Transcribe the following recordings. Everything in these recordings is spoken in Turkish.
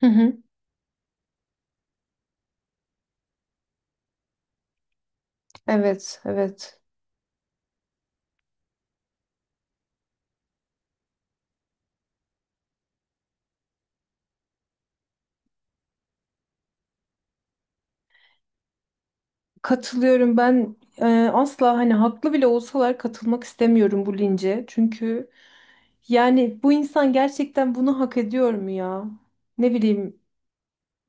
Hı hı. Evet, evet. Katılıyorum. Ben asla hani haklı bile olsalar katılmak istemiyorum bu lince. Çünkü yani bu insan gerçekten bunu hak ediyor mu ya? Ne bileyim.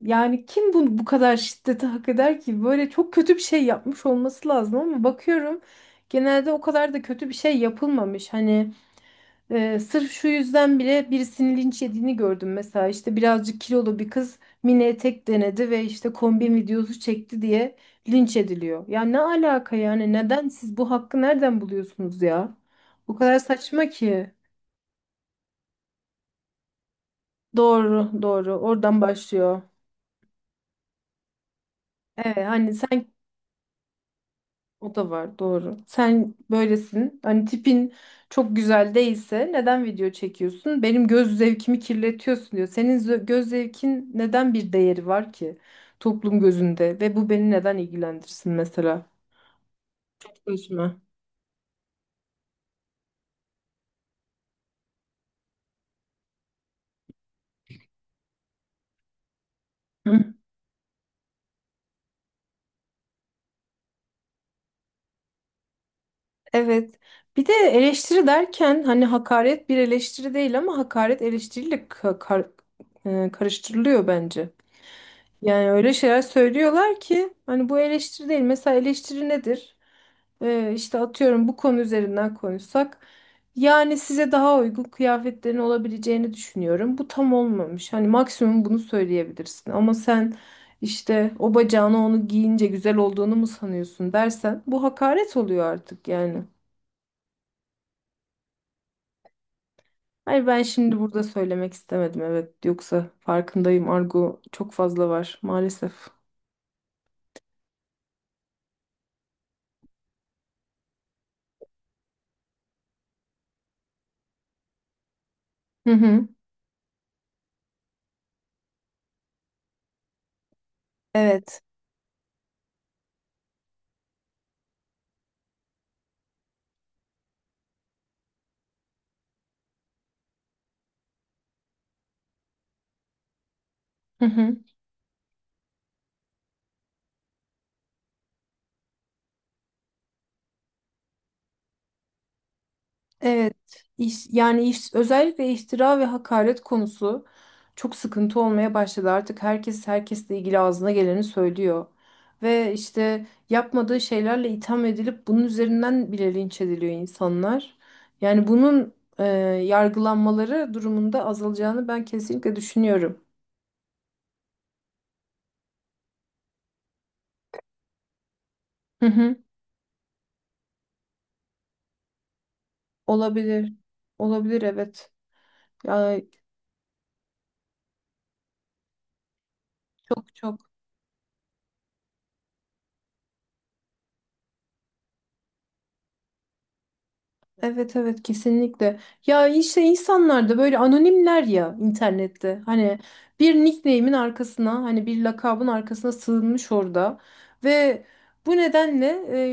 Yani kim bu kadar şiddeti hak eder ki? Böyle çok kötü bir şey yapmış olması lazım, ama bakıyorum genelde o kadar da kötü bir şey yapılmamış. Hani sırf şu yüzden bile birisinin linç yediğini gördüm mesela, işte birazcık kilolu bir kız mini etek denedi ve işte kombin videosu çekti diye linç ediliyor. Ya ne alaka yani, neden siz bu hakkı nereden buluyorsunuz ya? O kadar saçma ki. Doğru, doğru, oradan başlıyor. Evet, hani sen. O da var, doğru. Sen böylesin. Hani tipin çok güzel değilse neden video çekiyorsun? Benim göz zevkimi kirletiyorsun diyor. Senin göz zevkin neden bir değeri var ki toplum gözünde ve bu beni neden ilgilendirsin mesela? Gözüme. Hı. Evet. Bir de eleştiri derken hani hakaret bir eleştiri değil, ama hakaret eleştiriyle karıştırılıyor bence. Yani öyle şeyler söylüyorlar ki hani bu eleştiri değil. Mesela eleştiri nedir? İşte atıyorum bu konu üzerinden konuşsak. Yani size daha uygun kıyafetlerin olabileceğini düşünüyorum. Bu tam olmamış. Hani maksimum bunu söyleyebilirsin. Ama sen işte o bacağına onu giyince güzel olduğunu mu sanıyorsun dersen bu hakaret oluyor artık yani. Hayır, ben şimdi burada söylemek istemedim, evet. Yoksa farkındayım, argo çok fazla var maalesef. Hı hı. Evet. Hı hı. Evet, iş, özellikle iftira ve hakaret konusu çok sıkıntı olmaya başladı. Artık herkes herkesle ilgili ağzına geleni söylüyor. Ve işte yapmadığı şeylerle itham edilip bunun üzerinden bile linç ediliyor insanlar. Yani bunun e, yargılanmaları durumunda azalacağını ben kesinlikle düşünüyorum. Hı hı, olabilir. Olabilir, evet. Ya çok çok. Evet, evet, kesinlikle. Ya işte insanlar da böyle anonimler ya internette. Hani bir nickname'in arkasına, hani bir lakabın arkasına sığınmış orada. Ve bu nedenle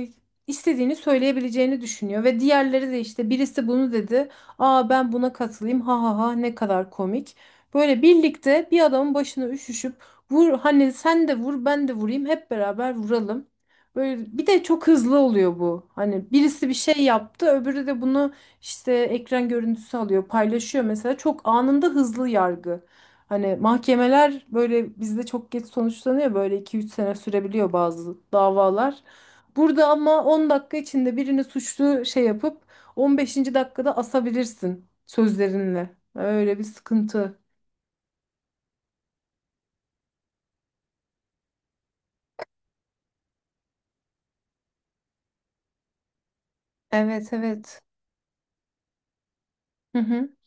e, istediğini söyleyebileceğini düşünüyor. Ve diğerleri de işte birisi bunu dedi. Aa, ben buna katılayım, ha ha ha, ne kadar komik. Böyle birlikte bir adamın başına üşüşüp vur, hani sen de vur, ben de vurayım, hep beraber vuralım. Böyle bir de çok hızlı oluyor bu. Hani birisi bir şey yaptı, öbürü de bunu işte ekran görüntüsü alıyor, paylaşıyor mesela. Çok anında hızlı yargı. Hani mahkemeler böyle bizde çok geç sonuçlanıyor. Böyle 2-3 sene sürebiliyor bazı davalar. Burada ama 10 dakika içinde birini suçlu şey yapıp 15. dakikada asabilirsin sözlerinle. Öyle bir sıkıntı. Evet, evet. Hı hı.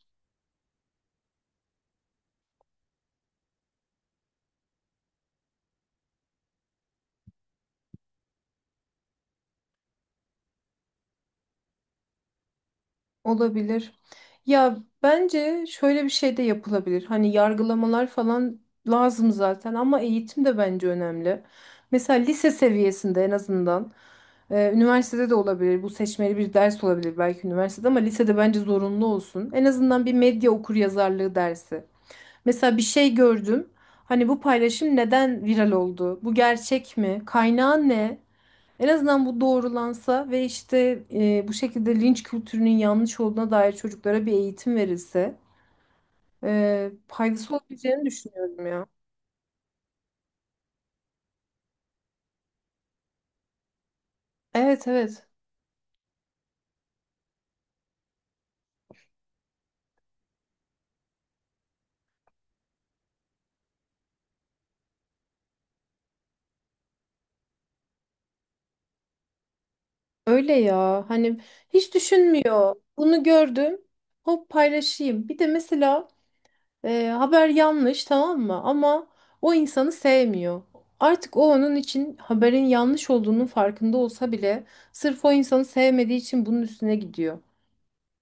Olabilir. Ya bence şöyle bir şey de yapılabilir. Hani yargılamalar falan lazım zaten, ama eğitim de bence önemli. Mesela lise seviyesinde en azından, üniversitede de olabilir. Bu seçmeli bir ders olabilir belki üniversitede, ama lisede bence zorunlu olsun. En azından bir medya okuryazarlığı dersi. Mesela bir şey gördüm. Hani bu paylaşım neden viral oldu? Bu gerçek mi? Kaynağı ne? En azından bu doğrulansa ve işte bu şekilde linç kültürünün yanlış olduğuna dair çocuklara bir eğitim verilse faydası olabileceğini düşünüyorum ya. Evet, evet, öyle ya. Hani hiç düşünmüyor, bunu gördüm hop paylaşayım, bir de mesela haber yanlış, tamam mı, ama o insanı sevmiyor, artık o, onun için haberin yanlış olduğunun farkında olsa bile sırf o insanı sevmediği için bunun üstüne gidiyor.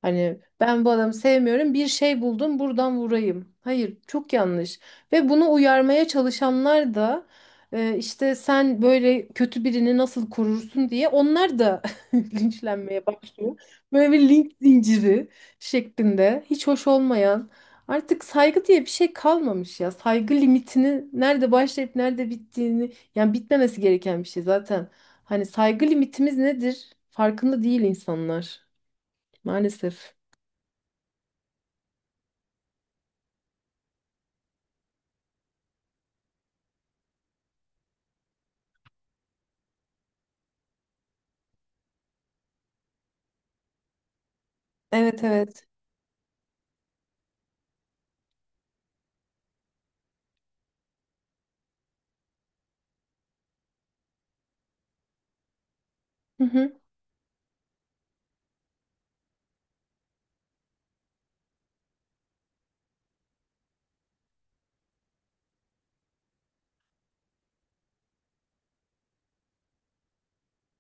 Hani ben bu adamı sevmiyorum, bir şey buldum, buradan vurayım. Hayır, çok yanlış. Ve bunu uyarmaya çalışanlar da işte sen böyle kötü birini nasıl korursun diye onlar da linçlenmeye başlıyor. Böyle bir linç zinciri şeklinde, hiç hoş olmayan, artık saygı diye bir şey kalmamış ya. Saygı limitini nerede başlayıp nerede bittiğini, yani bitmemesi gereken bir şey zaten. Hani saygı limitimiz nedir? Farkında değil insanlar, maalesef. Evet, evet. Hı hı.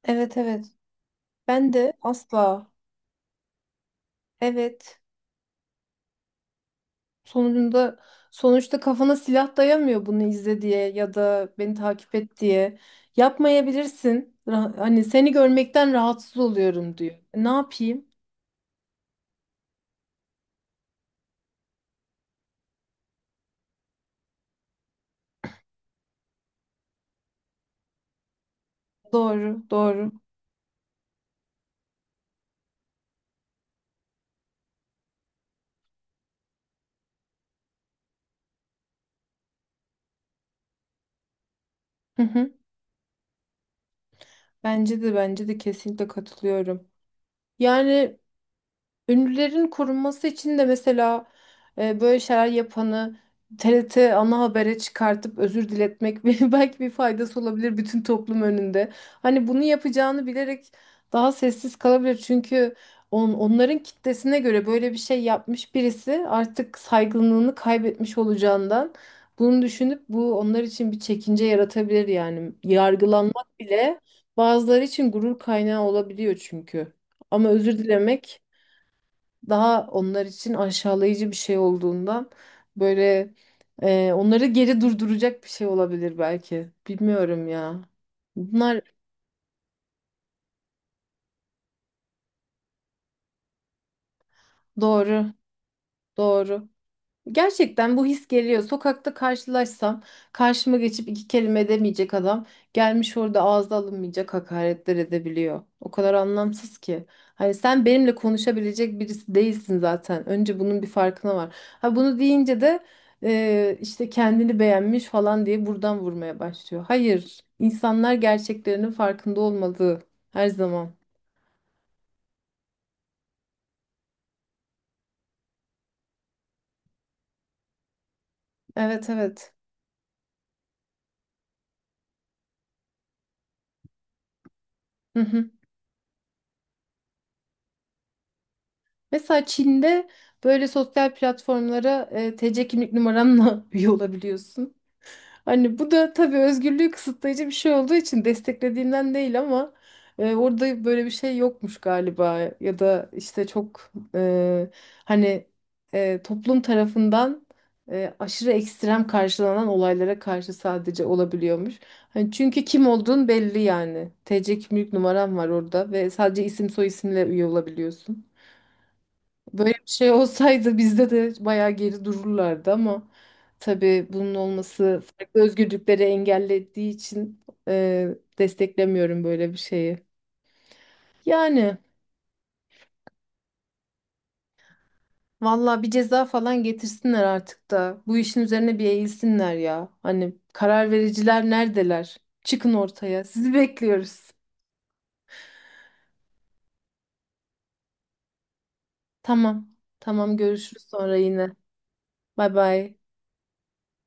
Evet, evet. Ben de asla. Evet. Sonucunda sonuçta kafana silah dayamıyor bunu izle diye ya da beni takip et diye. Yapmayabilirsin. Hani seni görmekten rahatsız oluyorum diyor. Ne yapayım? Doğru, doğru. Hı hı. Bence de kesinlikle katılıyorum. Yani ünlülerin korunması için de mesela böyle şeyler yapanı TRT ana habere çıkartıp özür diletmek belki bir faydası olabilir bütün toplum önünde. Hani bunu yapacağını bilerek daha sessiz kalabilir. Çünkü onların kitlesine göre böyle bir şey yapmış birisi artık saygınlığını kaybetmiş olacağından bunu düşünüp bu onlar için bir çekince yaratabilir yani. Yargılanmak bile bazıları için gurur kaynağı olabiliyor çünkü. Ama özür dilemek daha onlar için aşağılayıcı bir şey olduğundan böyle onları geri durduracak bir şey olabilir belki. Bilmiyorum ya. Bunlar doğru, doğru. Gerçekten bu his geliyor. Sokakta karşılaşsam karşıma geçip iki kelime edemeyecek adam gelmiş orada ağza alınmayacak hakaretler edebiliyor. O kadar anlamsız ki. Hani sen benimle konuşabilecek birisi değilsin zaten. Önce bunun bir farkına var. Ha, bunu deyince de işte kendini beğenmiş falan diye buradan vurmaya başlıyor. Hayır, insanlar gerçeklerinin farkında olmalı her zaman. Evet, evet. Hı hı. Mesela Çin'de böyle sosyal platformlara TC kimlik numaranla üye olabiliyorsun. Hani bu da tabii özgürlüğü kısıtlayıcı bir şey olduğu için desteklediğimden değil, ama orada böyle bir şey yokmuş galiba, ya da işte çok, hani, toplum tarafından aşırı ekstrem karşılanan olaylara karşı sadece olabiliyormuş. Hani çünkü kim olduğun belli yani. TC kimlik numaran var orada ve sadece isim soy isimle üye olabiliyorsun. Böyle bir şey olsaydı bizde de bayağı geri dururlardı, ama tabii bunun olması farklı özgürlükleri engellediği için desteklemiyorum böyle bir şeyi. Yani valla bir ceza falan getirsinler artık da bu işin üzerine bir eğilsinler ya. Hani karar vericiler neredeler? Çıkın ortaya. Sizi bekliyoruz. Tamam. Tamam, görüşürüz sonra yine. Bay bay.